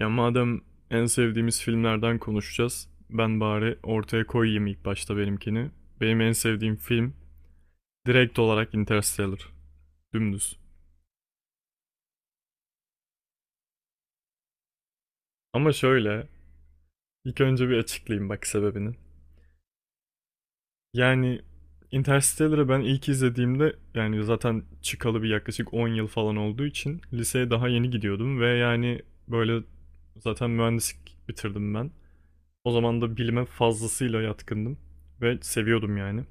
Ya madem en sevdiğimiz filmlerden konuşacağız, ben bari ortaya koyayım ilk başta benimkini. Benim en sevdiğim film direkt olarak Interstellar. Dümdüz. Ama şöyle, ilk önce bir açıklayayım bak sebebini. Yani Interstellar'ı ben ilk izlediğimde yani zaten çıkalı bir yaklaşık 10 yıl falan olduğu için liseye daha yeni gidiyordum ve yani böyle zaten mühendislik bitirdim ben. O zaman da bilime fazlasıyla yatkındım ve seviyordum yani.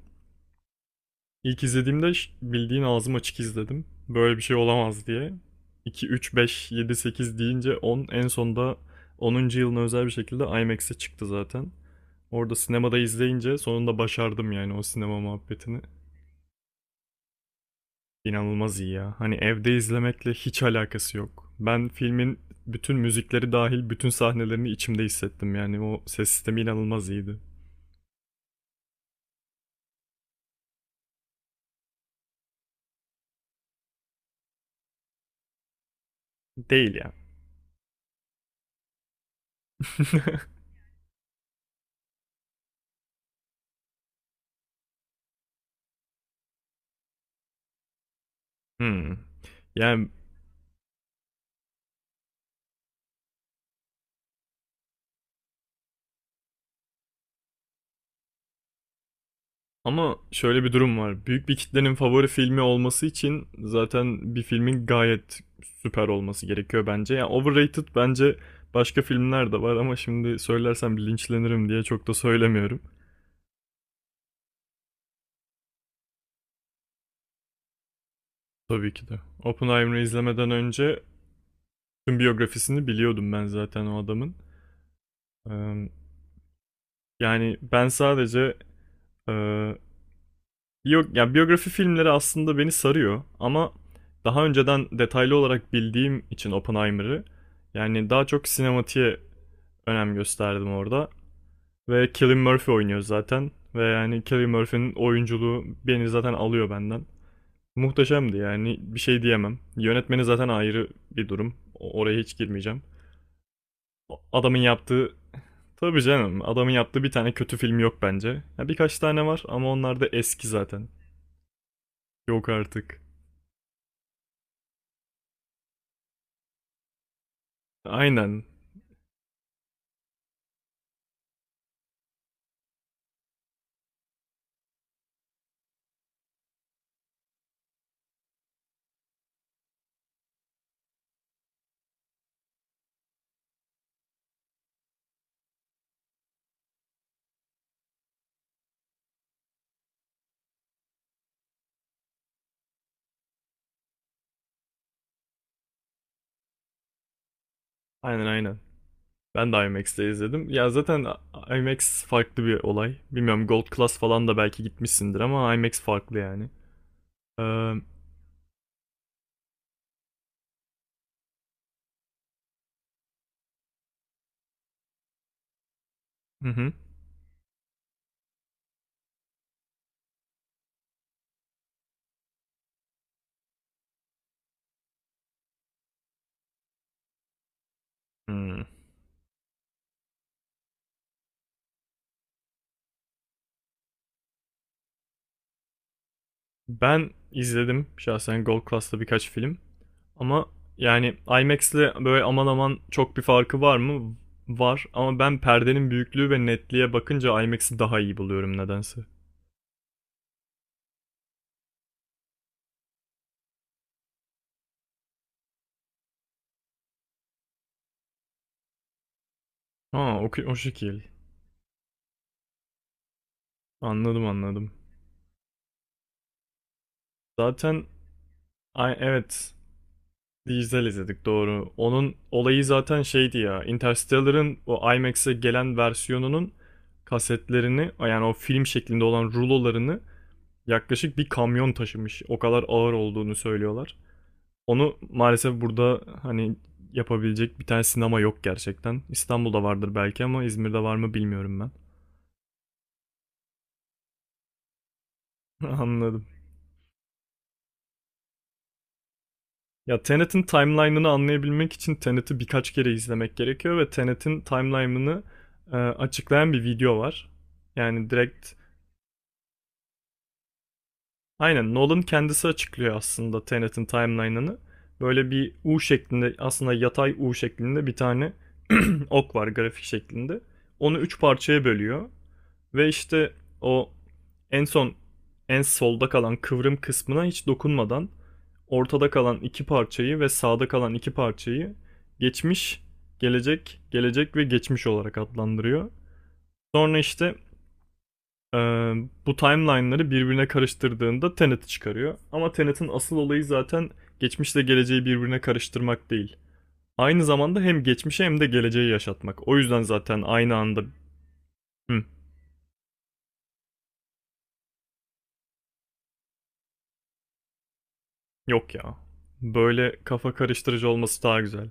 İlk izlediğimde bildiğin ağzım açık izledim. Böyle bir şey olamaz diye. 2, 3, 5, 7, 8 deyince 10, en sonunda onuncu yılına özel bir şekilde IMAX'e çıktı zaten. Orada sinemada izleyince sonunda başardım yani o sinema muhabbetini. İnanılmaz iyi ya. Hani evde izlemekle hiç alakası yok. Ben filmin bütün müzikleri dahil bütün sahnelerini içimde hissettim yani o ses sistemi inanılmaz iyiydi. Değil ya. Hmm. Yani. Ama şöyle bir durum var. Büyük bir kitlenin favori filmi olması için zaten bir filmin gayet süper olması gerekiyor bence. Yani overrated bence başka filmler de var ama şimdi söylersem linçlenirim diye çok da söylemiyorum. Tabii ki de. Oppenheimer'ı izlemeden önce tüm biyografisini biliyordum ben zaten o adamın. Ee, Yani ben sadece e, yok yani biyografi filmleri aslında beni sarıyor ama daha önceden detaylı olarak bildiğim için Oppenheimer'ı yani daha çok sinematiğe önem gösterdim orada. Ve Cillian Murphy oynuyor zaten ve yani Cillian Murphy'nin oyunculuğu beni zaten alıyor benden. Muhteşemdi yani bir şey diyemem. Yönetmeni zaten ayrı bir durum. Oraya hiç girmeyeceğim. Adamın yaptığı, tabii canım, adamın yaptığı bir tane kötü film yok bence. Ya birkaç tane var ama onlar da eski zaten. Yok artık. Aynen. Aynen, aynen. Ben de IMAX'te izledim. Ya zaten IMAX farklı bir olay. Bilmiyorum Gold Class falan da belki gitmişsindir ama IMAX farklı yani. Ee, hı hı. Hmm. Ben izledim şahsen Gold Class'ta birkaç film. Ama yani IMAX'le böyle aman aman çok bir farkı var mı? Var ama ben perdenin büyüklüğü ve netliğe bakınca IMAX'i daha iyi buluyorum nedense. Ha o şekil. Anladım, anladım. Zaten. Ay, evet. Dijital izledik doğru. Onun olayı zaten şeydi ya. Interstellar'ın o IMAX'e gelen versiyonunun kasetlerini yani o film şeklinde olan rulolarını yaklaşık bir kamyon taşımış. O kadar ağır olduğunu söylüyorlar. Onu maalesef burada hani yapabilecek bir tane sinema yok gerçekten. İstanbul'da vardır belki ama İzmir'de var mı bilmiyorum ben. Anladım. Ya Tenet'in timeline'ını anlayabilmek için Tenet'i birkaç kere izlemek gerekiyor ve Tenet'in timeline'ını açıklayan bir video var. Yani direkt aynen Nolan kendisi açıklıyor aslında Tenet'in timeline'ını. Böyle bir U şeklinde aslında yatay U şeklinde bir tane ok var grafik şeklinde. Onu üç parçaya bölüyor ve işte o en son en solda kalan kıvrım kısmına hiç dokunmadan ortada kalan iki parçayı ve sağda kalan iki parçayı geçmiş, gelecek, gelecek ve geçmiş olarak adlandırıyor. Sonra işte e, bu timeline'ları birbirine karıştırdığında Tenet'i çıkarıyor. Ama Tenet'in asıl olayı zaten geçmişle geleceği birbirine karıştırmak değil. Aynı zamanda hem geçmişi hem de geleceği yaşatmak. O yüzden zaten aynı anda. Hı, yok ya. Böyle kafa karıştırıcı olması daha güzel.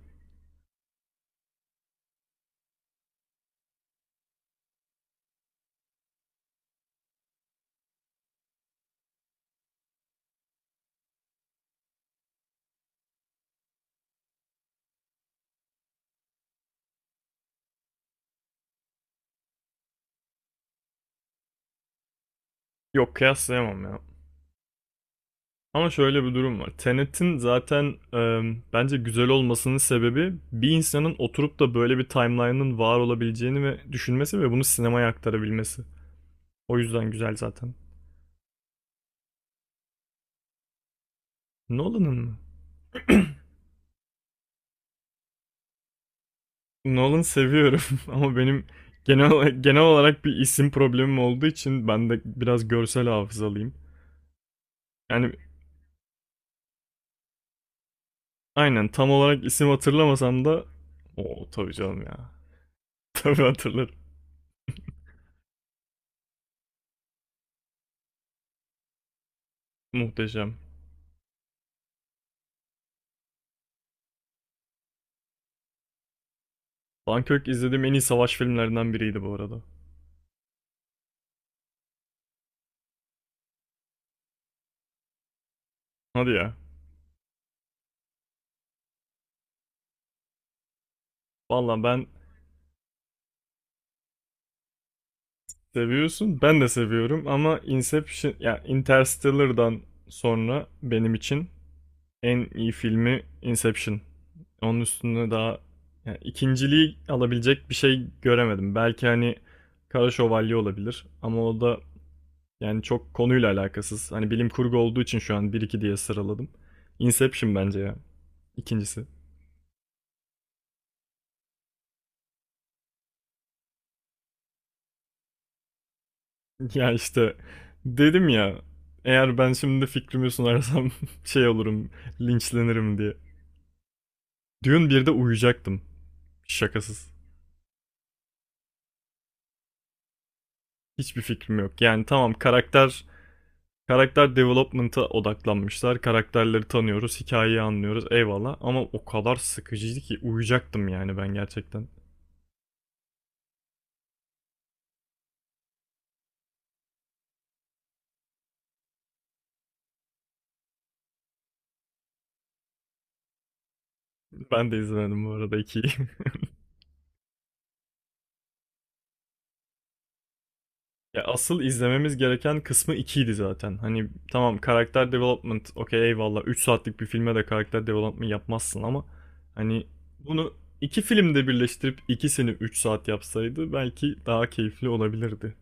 Yok kıyaslayamam ya. Ama şöyle bir durum var. Tenet'in zaten bence güzel olmasının sebebi bir insanın oturup da böyle bir timeline'ın var olabileceğini ve düşünmesi ve bunu sinemaya aktarabilmesi. O yüzden güzel zaten. Nolan'ın mı? Nolan seviyorum ama benim genel olarak bir isim problemim olduğu için ben de biraz görsel hafızalıyım. Yani aynen tam olarak isim hatırlamasam da o tabii canım ya. Tabii hatırlarım. Muhteşem. Dunkirk izlediğim en iyi savaş filmlerinden biriydi bu arada. Hadi ya. Valla ben seviyorsun. Ben de seviyorum ama Inception ya Interstellar'dan sonra benim için en iyi filmi Inception. Onun üstünde daha yani ikinciliği alabilecek bir şey göremedim. Belki hani Kara Şövalye olabilir ama o da yani çok konuyla alakasız. Hani bilim kurgu olduğu için şu an bir iki diye sıraladım. Inception bence ya. İkincisi. Ya işte dedim ya eğer ben şimdi fikrimi sunarsam şey olurum linçlenirim diye. Dune 1'de uyuyacaktım şakasız. Hiçbir fikrim yok. Yani tamam karakter development'a odaklanmışlar. Karakterleri tanıyoruz, hikayeyi anlıyoruz eyvallah ama o kadar sıkıcıydı ki uyuyacaktım yani ben gerçekten. Ben de izlemedim bu arada 2'yi. Ya asıl izlememiz gereken kısmı ikiydi zaten. Hani tamam karakter development okey eyvallah 3 saatlik bir filme de karakter development yapmazsın ama hani bunu iki filmde birleştirip ikisini 3 saat yapsaydı belki daha keyifli olabilirdi.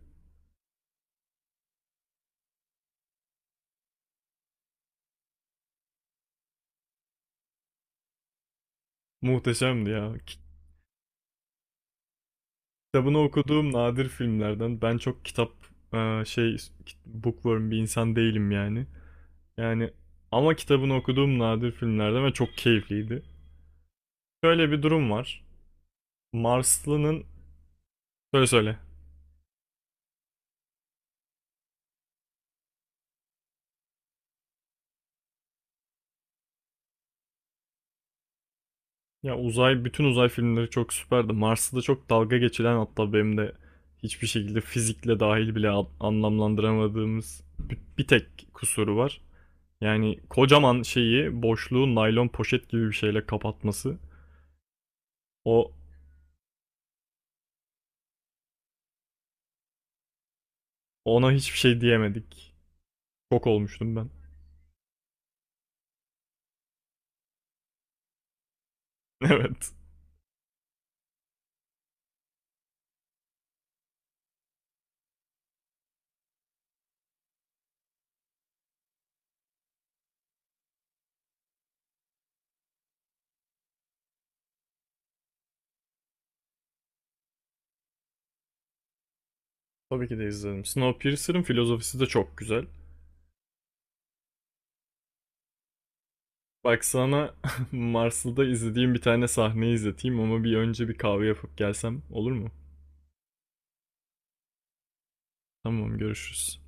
Muhteşemdi ya. Kitabını okuduğum nadir filmlerden ben çok kitap şey, bookworm bir insan değilim yani. Yani ama kitabını okuduğum nadir filmlerden ve çok keyifliydi. Şöyle bir durum var. Marslı'nın söyle söyle. Ya bütün uzay filmleri çok süperdi. Mars'ı da çok dalga geçilen, hatta benim de hiçbir şekilde fizikle dahil bile anlamlandıramadığımız bir tek kusuru var. Yani kocaman şeyi, boşluğu naylon poşet gibi bir şeyle kapatması. O Ona hiçbir şey diyemedik. Şok olmuştum ben. Evet. Tabii ki de izledim. Snowpiercer'ın filozofisi de çok güzel. Bak sana Marslı'da izlediğim bir tane sahneyi izleteyim ama bir önce bir kahve yapıp gelsem olur mu? Tamam görüşürüz.